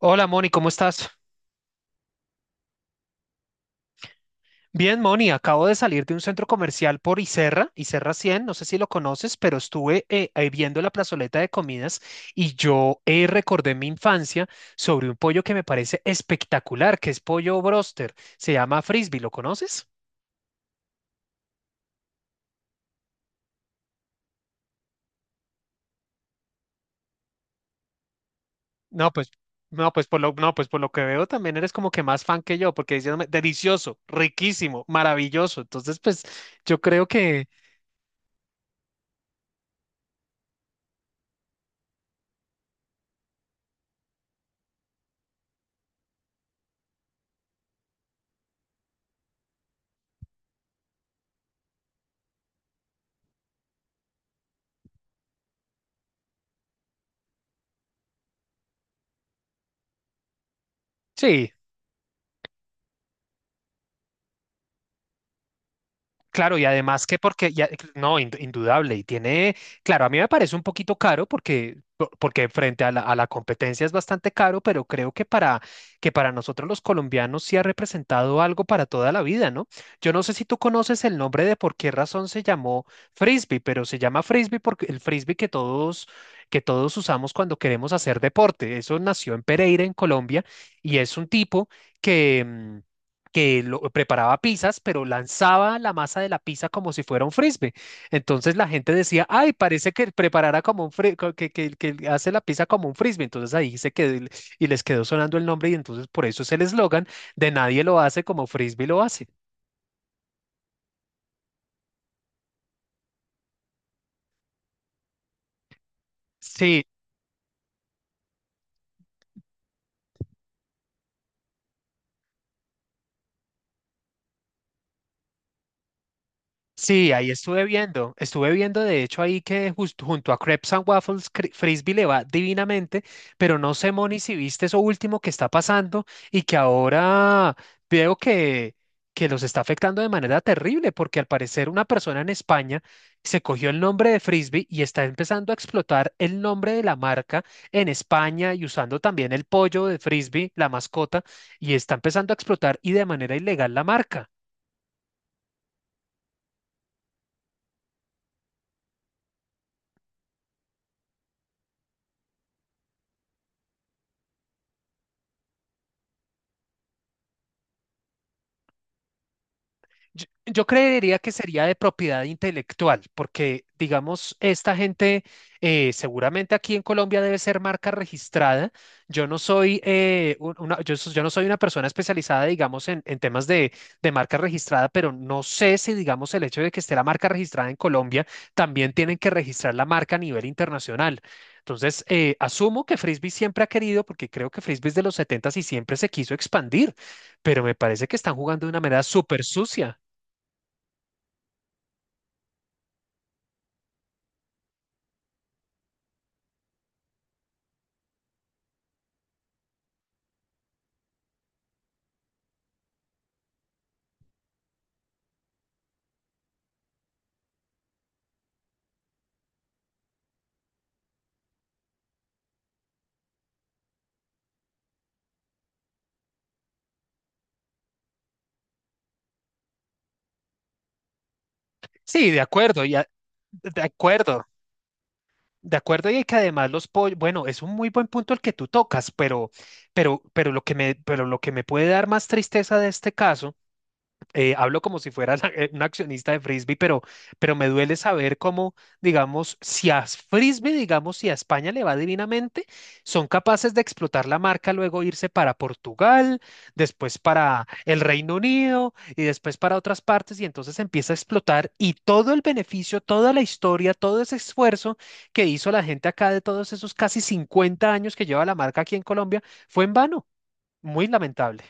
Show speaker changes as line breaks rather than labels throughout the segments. Hola Moni, ¿cómo estás? Bien, Moni, acabo de salir de un centro comercial por Iserra, Iserra cien. No sé si lo conoces, pero estuve ahí viendo la plazoleta de comidas y yo recordé mi infancia sobre un pollo que me parece espectacular, que es pollo broster, se llama frisbee, ¿lo conoces? No, pues, no, pues por lo que veo también eres como que más fan que yo, porque diciéndome delicioso, riquísimo, maravilloso, entonces pues yo creo que sí. Claro, y además que porque, ya, no, indudable, y tiene, claro, a mí me parece un poquito caro porque, porque frente a la competencia es bastante caro, pero creo que para nosotros los colombianos sí ha representado algo para toda la vida, ¿no? Yo no sé si tú conoces el nombre de por qué razón se llamó frisbee, pero se llama frisbee porque el frisbee que todos usamos cuando queremos hacer deporte, eso nació en Pereira, en Colombia, y es un tipo que... mm, que lo, preparaba pizzas, pero lanzaba la masa de la pizza como si fuera un frisbee. Entonces la gente decía, ay, parece que preparara como un que hace la pizza como un frisbee. Entonces ahí se quedó el- y les quedó sonando el nombre y entonces por eso es el eslogan de nadie lo hace como frisbee lo hace. Sí, sí, ahí estuve viendo de hecho ahí que justo junto a Crepes and Waffles Frisbee le va divinamente, pero no sé, Moni, si viste eso último que está pasando y que ahora veo que los está afectando de manera terrible, porque al parecer una persona en España se cogió el nombre de Frisbee y está empezando a explotar el nombre de la marca en España y usando también el pollo de Frisbee, la mascota, y está empezando a explotar y de manera ilegal la marca. Yo creería que sería de propiedad intelectual, porque, digamos, esta gente seguramente aquí en Colombia debe ser marca registrada. Yo no soy, yo no soy una persona especializada, digamos, en temas de marca registrada, pero no sé si, digamos, el hecho de que esté la marca registrada en Colombia, también tienen que registrar la marca a nivel internacional. Entonces, asumo que Frisbee siempre ha querido, porque creo que Frisbee es de los 70 y siempre se quiso expandir, pero me parece que están jugando de una manera súper sucia. Sí, de acuerdo, de acuerdo, de acuerdo, y que además los pollos, bueno, es un muy buen punto el que tú tocas, pero lo que pero lo que me puede dar más tristeza de este caso hablo como si fuera un accionista de Frisbee, pero me duele saber cómo, digamos, si a Frisbee, digamos, si a España le va divinamente, son capaces de explotar la marca, luego irse para Portugal, después para el Reino Unido y después para otras partes, y entonces empieza a explotar y todo el beneficio, toda la historia, todo ese esfuerzo que hizo la gente acá de todos esos casi 50 años que lleva la marca aquí en Colombia fue en vano. Muy lamentable.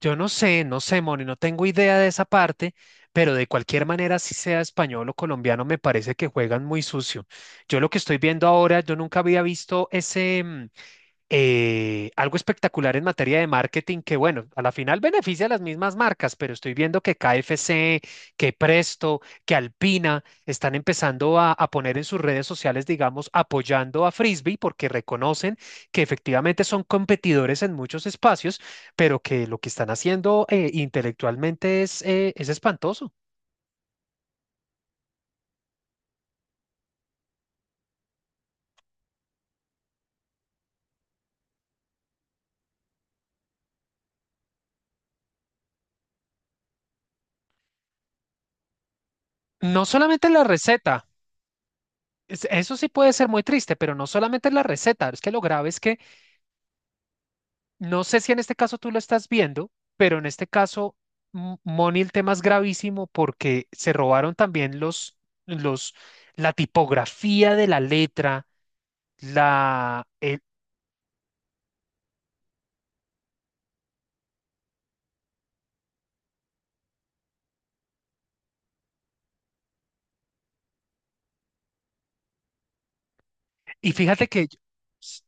Yo no sé, no sé, Moni, no tengo idea de esa parte, pero de cualquier manera, si sea español o colombiano, me parece que juegan muy sucio. Yo lo que estoy viendo ahora, yo nunca había visto ese, algo espectacular en materia de marketing que, bueno, a la final beneficia a las mismas marcas, pero estoy viendo que KFC, que Presto, que Alpina están empezando a poner en sus redes sociales, digamos, apoyando a Frisbee porque reconocen que efectivamente son competidores en muchos espacios, pero que lo que están haciendo intelectualmente es espantoso. No solamente la receta. Eso sí puede ser muy triste, pero no solamente la receta, es que lo grave es que no sé si en este caso tú lo estás viendo, pero en este caso, Moni, el tema es gravísimo porque se robaron también los, la tipografía de la letra, la, el- y fíjate que, s-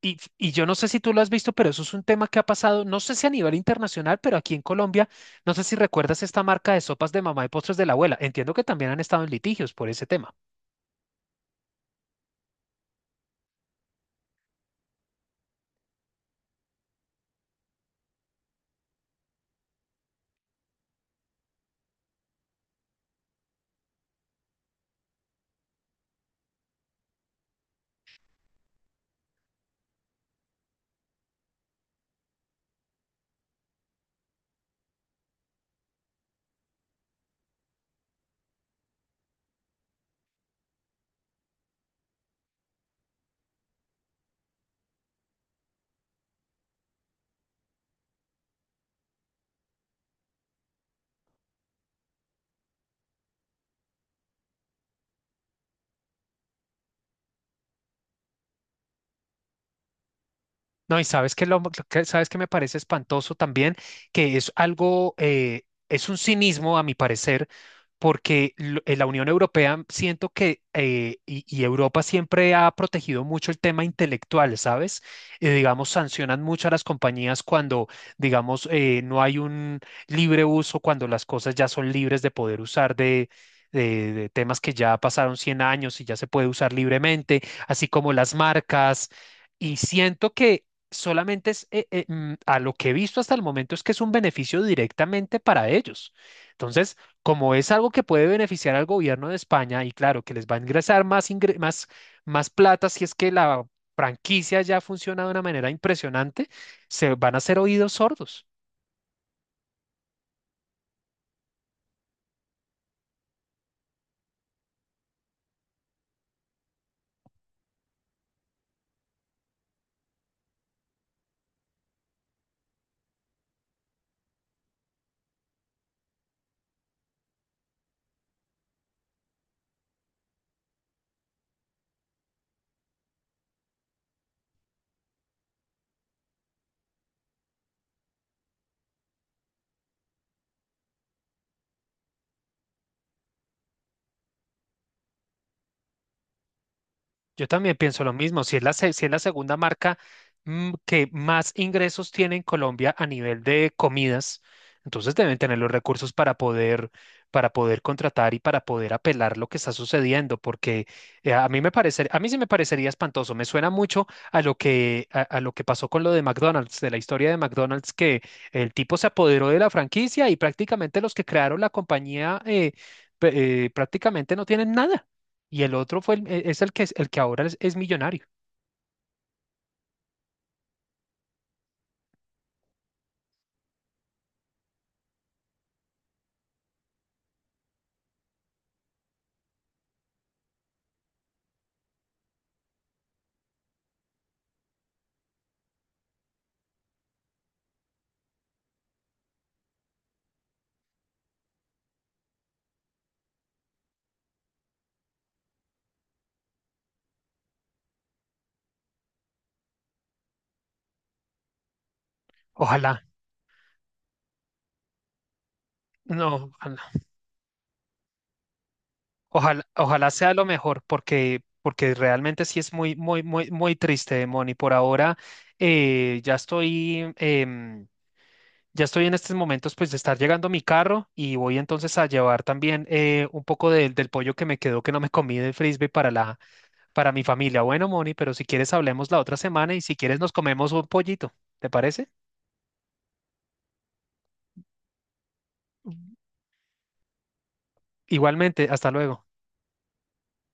y yo no sé si tú lo has visto, pero eso es un tema que ha pasado, no sé si a nivel internacional, pero aquí en Colombia, no sé si recuerdas esta marca de sopas de mamá y postres de la abuela. Entiendo que también han estado en litigios por ese tema. No, y sabes que lo, sabes que me parece espantoso también, que es algo, es un cinismo a mi parecer, porque la Unión Europea siento que, y Europa siempre ha protegido mucho el tema intelectual, ¿sabes? Digamos, sancionan mucho a las compañías cuando, digamos, no hay un libre uso, cuando las cosas ya son libres de poder usar de... de temas que ya pasaron 100 años y ya se puede usar libremente, así como las marcas. Y siento que solamente a lo que he visto hasta el momento es que es un beneficio directamente para ellos. Entonces, como es algo que puede beneficiar al gobierno de España y claro, que les va a ingresar más, más plata si es que la franquicia ya funciona de una manera impresionante, se van a hacer oídos sordos. Yo también pienso lo mismo. Si es si es la segunda marca que más ingresos tiene en Colombia a nivel de comidas, entonces deben tener los recursos para poder contratar y para poder apelar lo que está sucediendo, porque a mí me parece, a mí sí me parecería espantoso. Me suena mucho a lo a lo que pasó con lo de McDonald's, de la historia de McDonald's, que el tipo se apoderó de la franquicia y prácticamente los que crearon la compañía prácticamente no tienen nada. Y el otro fue es el que ahora es millonario. Ojalá, no, ojalá, ojalá, ojalá sea lo mejor, porque, porque realmente sí es muy, muy, muy, muy triste, Moni. Por ahora ya ya estoy en estos momentos, pues de estar llegando mi carro y voy entonces a llevar también un poco del pollo que me quedó que no me comí del frisbee para la, para mi familia. Bueno, Moni, pero si quieres hablemos la otra semana y si quieres nos comemos un pollito, ¿te parece? Igualmente, hasta luego.